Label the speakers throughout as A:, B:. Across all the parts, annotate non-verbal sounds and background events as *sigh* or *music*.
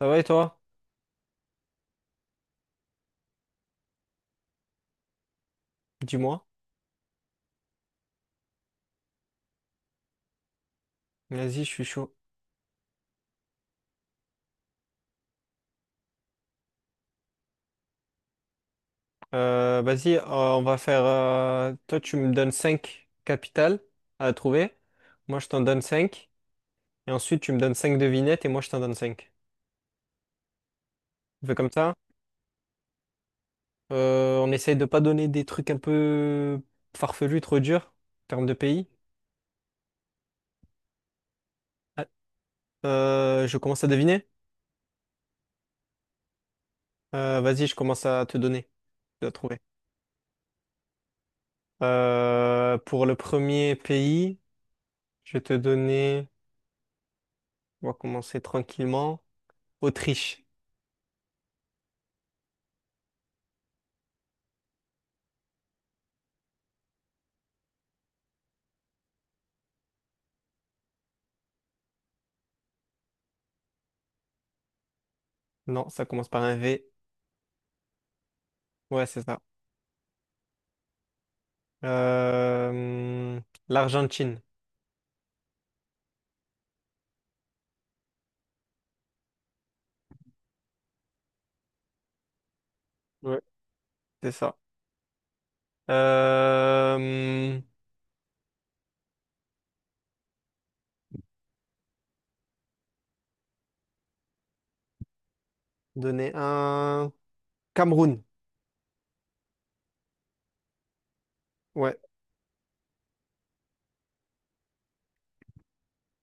A: Ça va et toi? Dis-moi. Vas-y, je suis chaud. Vas-y, on va faire. Toi, tu me donnes 5 capitales à trouver. Moi, je t'en donne 5. Et ensuite, tu me donnes 5 devinettes et moi, je t'en donne cinq. On fait comme ça. On essaye de pas donner des trucs un peu farfelus, trop durs, en termes de pays. Ah, je commence à deviner. Vas-y, je commence à te donner. Tu dois trouver. Pour le premier pays, je vais te donner. On va commencer tranquillement. Autriche. Non, ça commence par un V. Ouais, c'est ça. Euh, L'Argentine. Ouais. C'est ça. Euh, Donner un Cameroun. Ouais.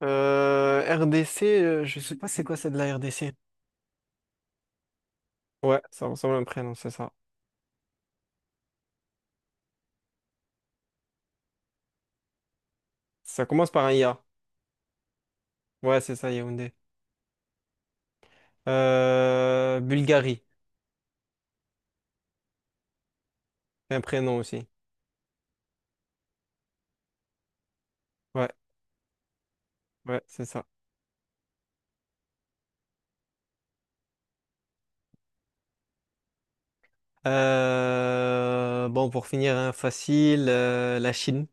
A: RDC, je sais pas c'est quoi c'est de la RDC. Ouais, ça ressemble à un prénom, c'est ça. Ça commence par un IA. Ouais, c'est ça, Yaoundé. Bulgarie, un prénom aussi. Ouais, ouais, c'est ça. Bon, pour finir, hein, facile, la Chine.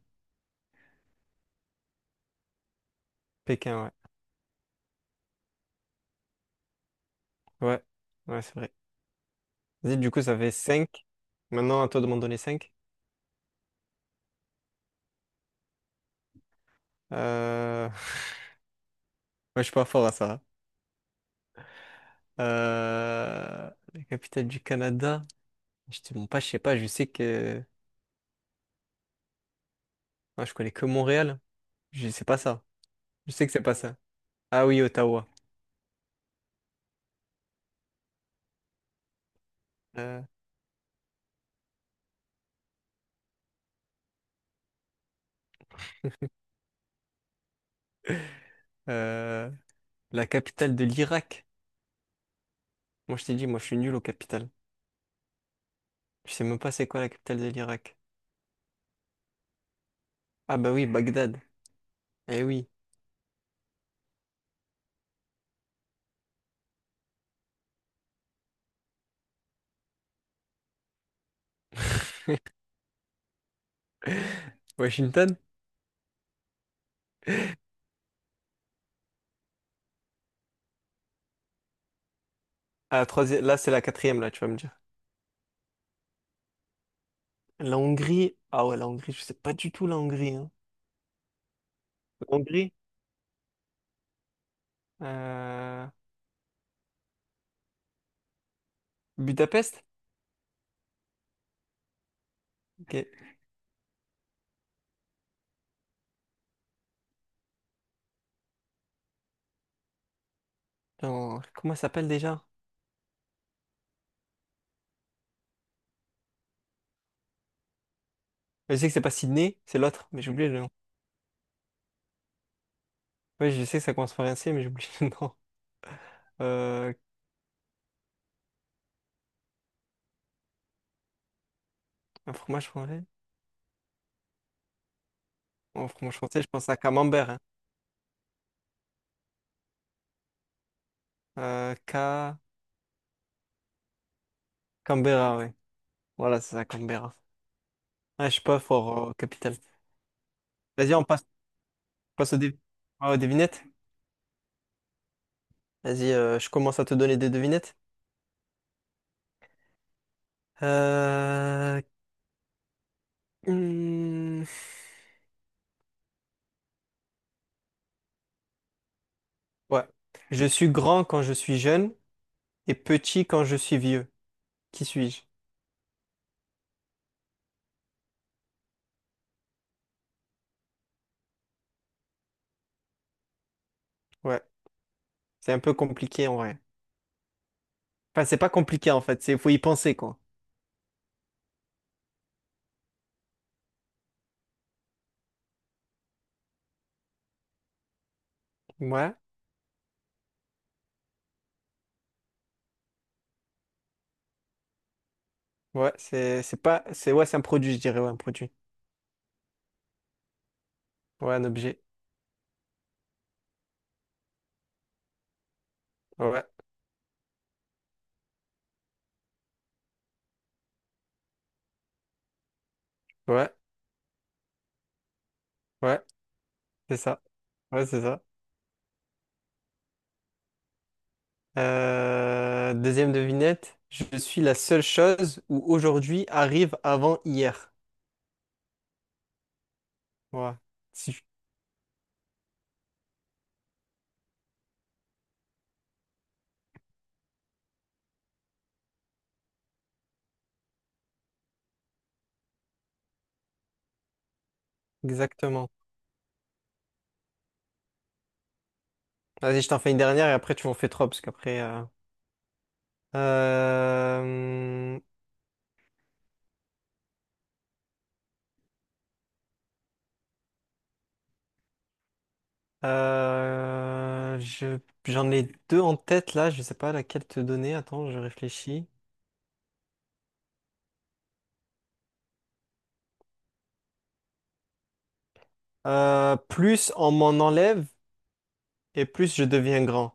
A: Pékin, ouais. Ouais, ouais, c'est vrai. Vas-y, du coup, ça fait 5. Maintenant, à toi de m'en donner 5. Euh... *laughs* Moi, je suis pas fort à ça, hein. La capitale du Canada. Je te bon, pas, je sais pas, je sais que... Moi, je connais que Montréal. Je sais pas ça. Je sais que c'est pas ça. Ah oui, Ottawa. Euh... euh, La capitale de l'Irak. Moi, je t'ai dit, moi, je suis nul aux capitales. Je sais même pas c'est quoi la capitale de l'Irak. Ah bah oui, Bagdad. Eh oui. *laughs* Washington? Ah, troisième... Là, c'est la quatrième, là, tu vas me dire. La Hongrie, ah ouais, la Hongrie, je sais pas du tout la Hongrie, hein. La Hongrie, euh, Budapest? Ok. Non, comment ça s'appelle déjà? Je sais que c'est pas Sydney, c'est l'autre, mais j'ai oublié le nom. Ouais, je sais que ça commence par un C, mais j'ai oublié le nom. *laughs* Euh, un fromage français? Un fromage français, je pense à Camembert, hein. Euh, Ca- Canberra, ouais. Voilà, c'est ça, Canberra. Ah, je suis pas fort capital. Vas-y, on passe aux devinettes. Vas-y, je commence à te donner des devinettes. Euh... hmm. Ouais. Je suis grand quand je suis jeune et petit quand je suis vieux. Qui suis-je? Ouais. C'est un peu compliqué en vrai. Enfin, c'est pas compliqué en fait, c'est faut y penser quoi. Ouais. Ouais, c'est pas c'est ouais, c'est un produit, je dirais, ouais, un produit. Ouais, un objet. Ouais. Ouais. Ouais, c'est ça. Ouais, c'est ça. Deuxième devinette, je suis la seule chose où aujourd'hui arrive avant hier. Ouais. Si- Exactement. Vas-y, je t'en fais une dernière et après tu m'en fais trois parce qu'après Euh, euh, je- j'en ai deux en tête là, je sais pas laquelle te donner. Attends, je réfléchis. Plus on m'en enlève et plus je deviens grand.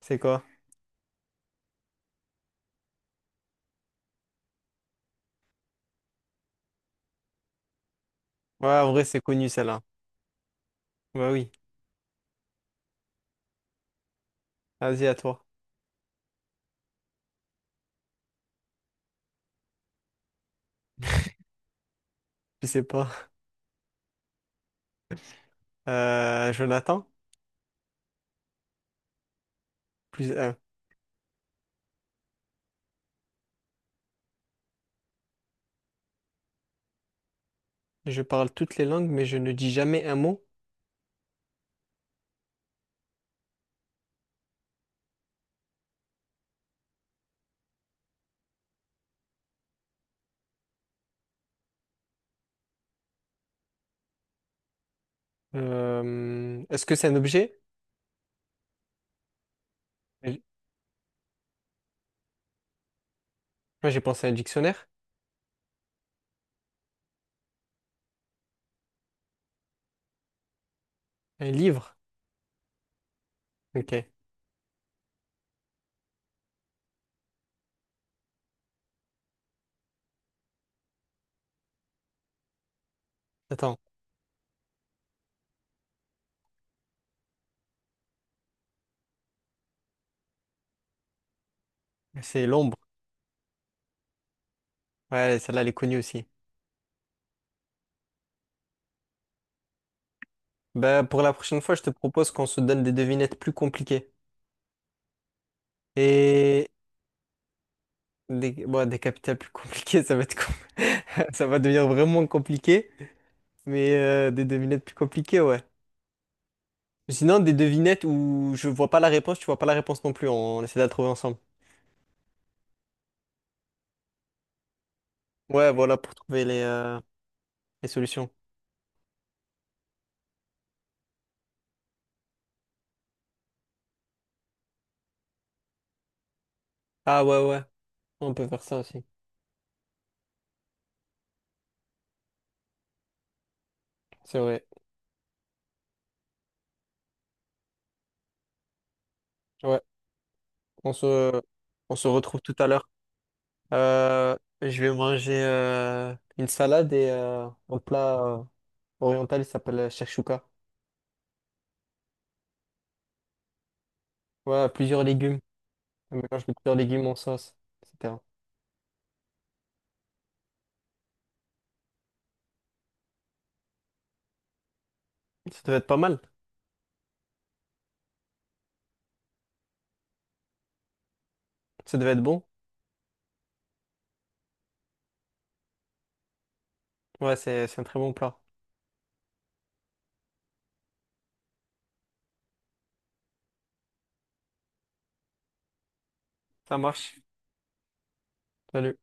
A: C'est quoi? Ouais, en vrai, c'est connu celle-là. Bah oui, vas-y à toi. Je sais pas. Jonathan, plus un. Je parle toutes les langues, mais je ne dis jamais un mot. Est-ce que c'est un objet? Moi, j'ai pensé à un dictionnaire. Un livre. Ok. Attends, c'est l'ombre. Ouais, celle-là, elle est connue aussi. Bah, pour la prochaine fois, je te propose qu'on se donne des devinettes plus compliquées. Et des capitales plus compliquées, *laughs* ça va être com- *laughs* ça va devenir vraiment compliqué. Mais des devinettes plus compliquées, ouais. Sinon, des devinettes où je vois pas la réponse, tu vois pas la réponse non plus. On essaie de la trouver ensemble. Ouais, voilà, pour trouver les solutions. Ah ouais, ouais, on peut faire ça aussi. C'est vrai. Ouais, on se, on se retrouve tout à l'heure. Euh, je vais manger une salade et un plat, oriental, ça s'appelle shakshuka. Ouais, plusieurs légumes. On mélange de plusieurs légumes en sauce, etc. Ça devait être pas mal. Ça devait être bon. Ouais, c'est un très bon plat. Ça marche. Salut.